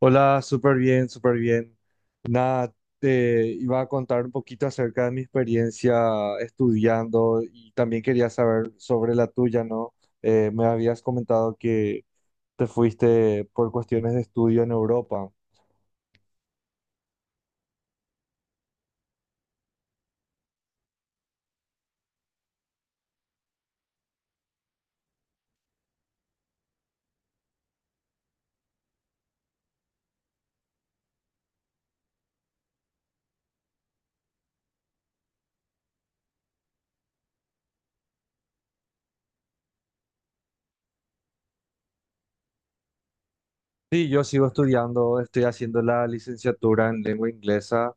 Hola, súper bien, súper bien. Nada, te iba a contar un poquito acerca de mi experiencia estudiando y también quería saber sobre la tuya, ¿no? Me habías comentado que te fuiste por cuestiones de estudio en Europa. Sí, yo sigo estudiando, estoy haciendo la licenciatura en lengua inglesa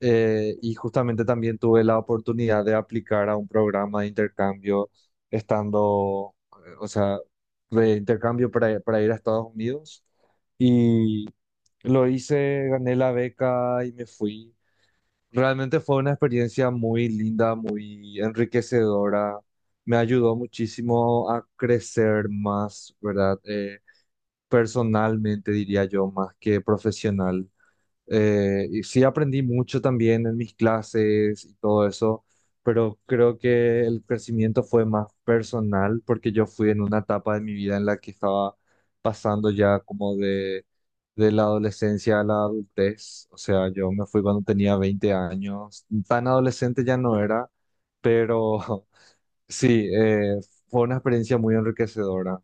Eh, Y justamente también tuve la oportunidad de aplicar a un programa de intercambio estando, o sea, de intercambio para ir a Estados Unidos. Y lo hice, gané la beca y me fui. Realmente fue una experiencia muy linda, muy enriquecedora. Me ayudó muchísimo a crecer más, ¿verdad? Personalmente, diría yo, más que profesional. Y sí aprendí mucho también en mis clases y todo eso, pero creo que el crecimiento fue más personal porque yo fui en una etapa de mi vida en la que estaba pasando ya como de la adolescencia a la adultez. O sea, yo me fui cuando tenía 20 años. Tan adolescente ya no era, pero sí, fue una experiencia muy enriquecedora.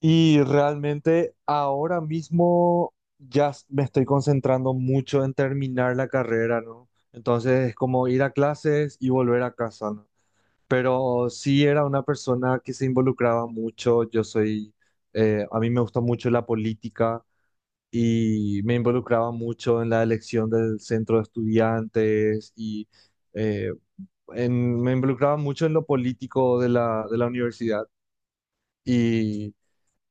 Y realmente ahora mismo ya me estoy concentrando mucho en terminar la carrera, ¿no? Entonces es como ir a clases y volver a casa, ¿no? Pero sí era una persona que se involucraba mucho. Yo soy, a mí me gusta mucho la política y me involucraba mucho en la elección del centro de estudiantes y eh, me involucraba mucho en lo político de la universidad,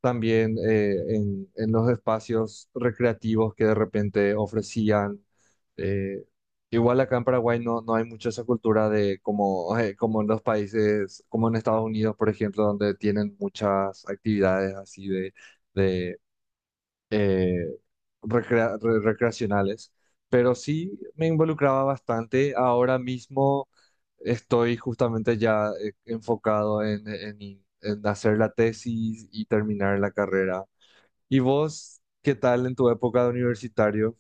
también, en los espacios recreativos que de repente ofrecían. eh, Igual acá en Paraguay no, no hay mucha esa cultura de como, como en los países, como en Estados Unidos, por ejemplo, donde tienen muchas actividades así de eh, recreacionales, pero sí me involucraba bastante. Ahora mismo estoy justamente ya enfocado en hacer la tesis y terminar la carrera. ¿Y vos, qué tal en tu época de universitario?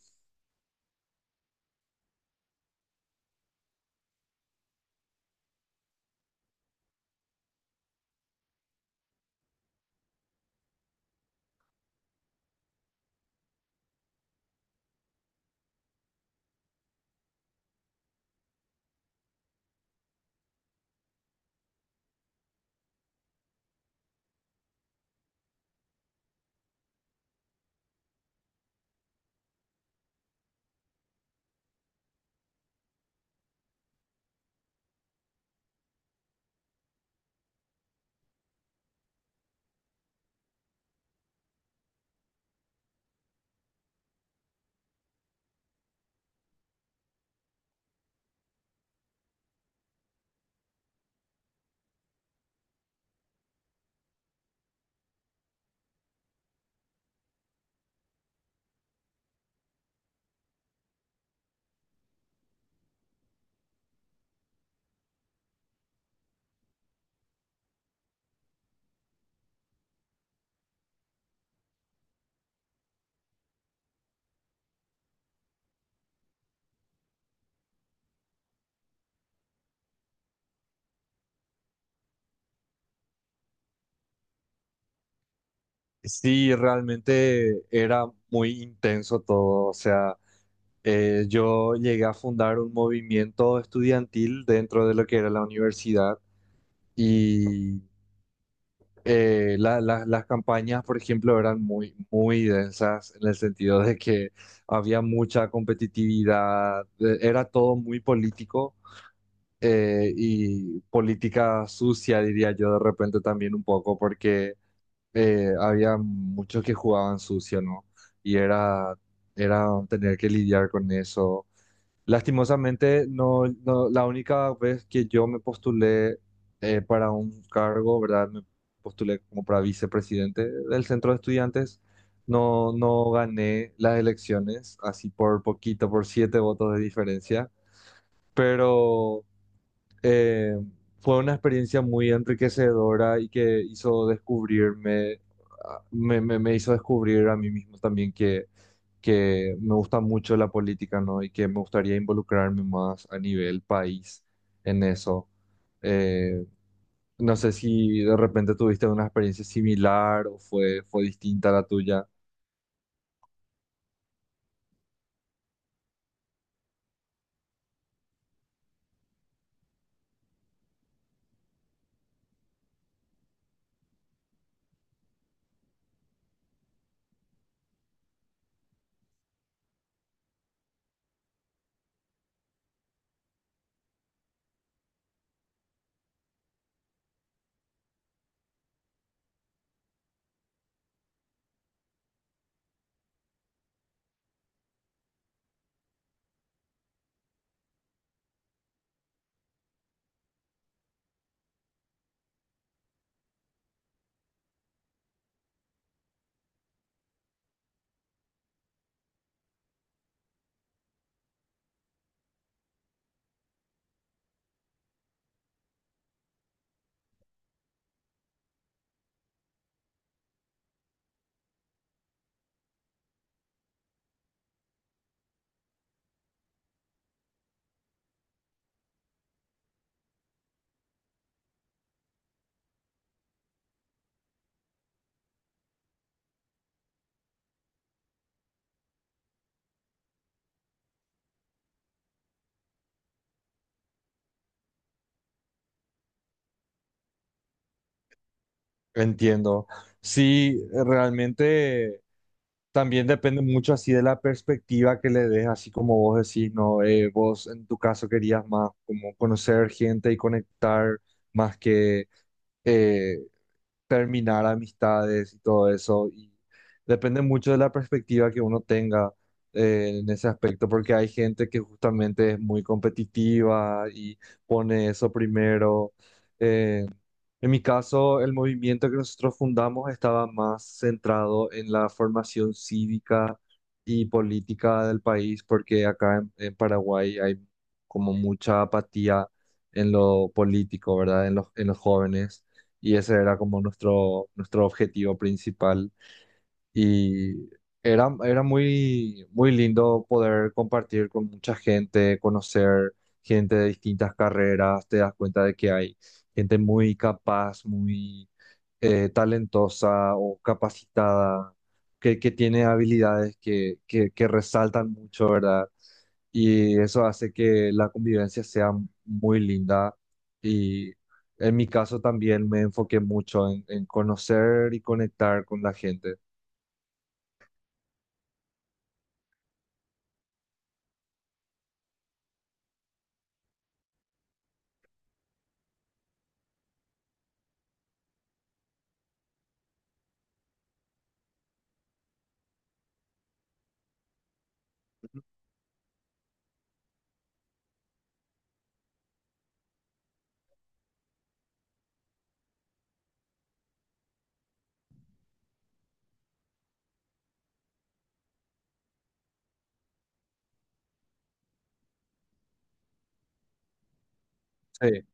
Sí, realmente era muy intenso todo. O sea, yo llegué a fundar un movimiento estudiantil dentro de lo que era la universidad. Y las campañas, por ejemplo, eran muy, muy densas en el sentido de que había mucha competitividad. Era todo muy político, y política sucia, diría yo, de repente también un poco, porque había muchos que jugaban sucio, ¿no? Y era tener que lidiar con eso. Lastimosamente, la única vez que yo me postulé, para un cargo, ¿verdad? Me postulé como para vicepresidente del centro de estudiantes. No, no gané las elecciones, así por poquito, por siete votos de diferencia, pero eh, fue una experiencia muy enriquecedora y que hizo descubrirme. Me hizo descubrir a mí mismo también que me gusta mucho la política, ¿no? Y que me gustaría involucrarme más a nivel país en eso. Eh, no sé si de repente tuviste una experiencia similar o fue distinta a la tuya. Entiendo. Sí, realmente también depende mucho así de la perspectiva que le des, así como vos decís, ¿no? Vos en tu caso querías más como conocer gente y conectar más que eh, terminar amistades y todo eso. Y depende mucho de la perspectiva que uno tenga, en ese aspecto, porque hay gente que justamente es muy competitiva y pone eso primero. Eh, en mi caso, el movimiento que nosotros fundamos estaba más centrado en la formación cívica y política del país, porque acá en Paraguay hay como mucha apatía en lo político, ¿verdad? En los jóvenes. Y ese era como nuestro objetivo principal. Y era muy, muy lindo poder compartir con mucha gente, conocer gente de distintas carreras, te das cuenta de que hay gente muy capaz, muy talentosa o capacitada, que tiene habilidades que resaltan mucho, ¿verdad? Y eso hace que la convivencia sea muy linda, y en mi caso también me enfoqué mucho en conocer y conectar con la gente. Sí,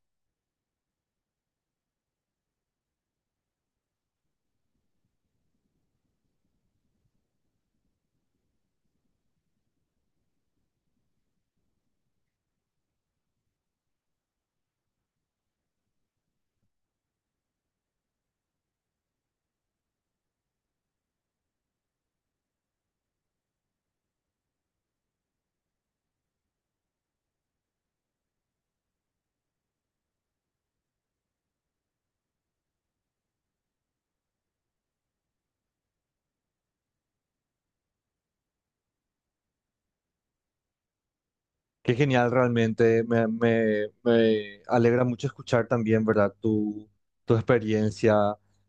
qué genial realmente. Me alegra mucho escuchar también, ¿verdad? Tu experiencia,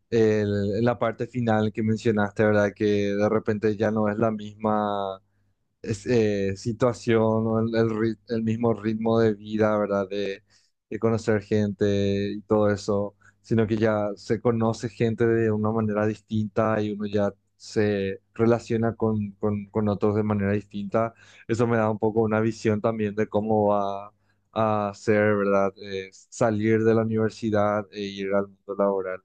la parte final que mencionaste, ¿verdad? Que de repente ya no es la misma situación o el mismo ritmo de vida, ¿verdad? De conocer gente y todo eso, sino que ya se conoce gente de una manera distinta y uno ya se relaciona con otros de manera distinta. Eso me da un poco una visión también de cómo va a ser, ¿verdad? Salir de la universidad e ir al mundo laboral.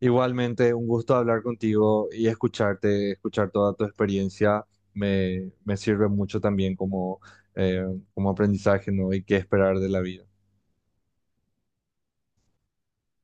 Igualmente, un gusto hablar contigo y escucharte. Escuchar toda tu experiencia me sirve mucho también eh, como aprendizaje, ¿no? Y qué esperar de la vida.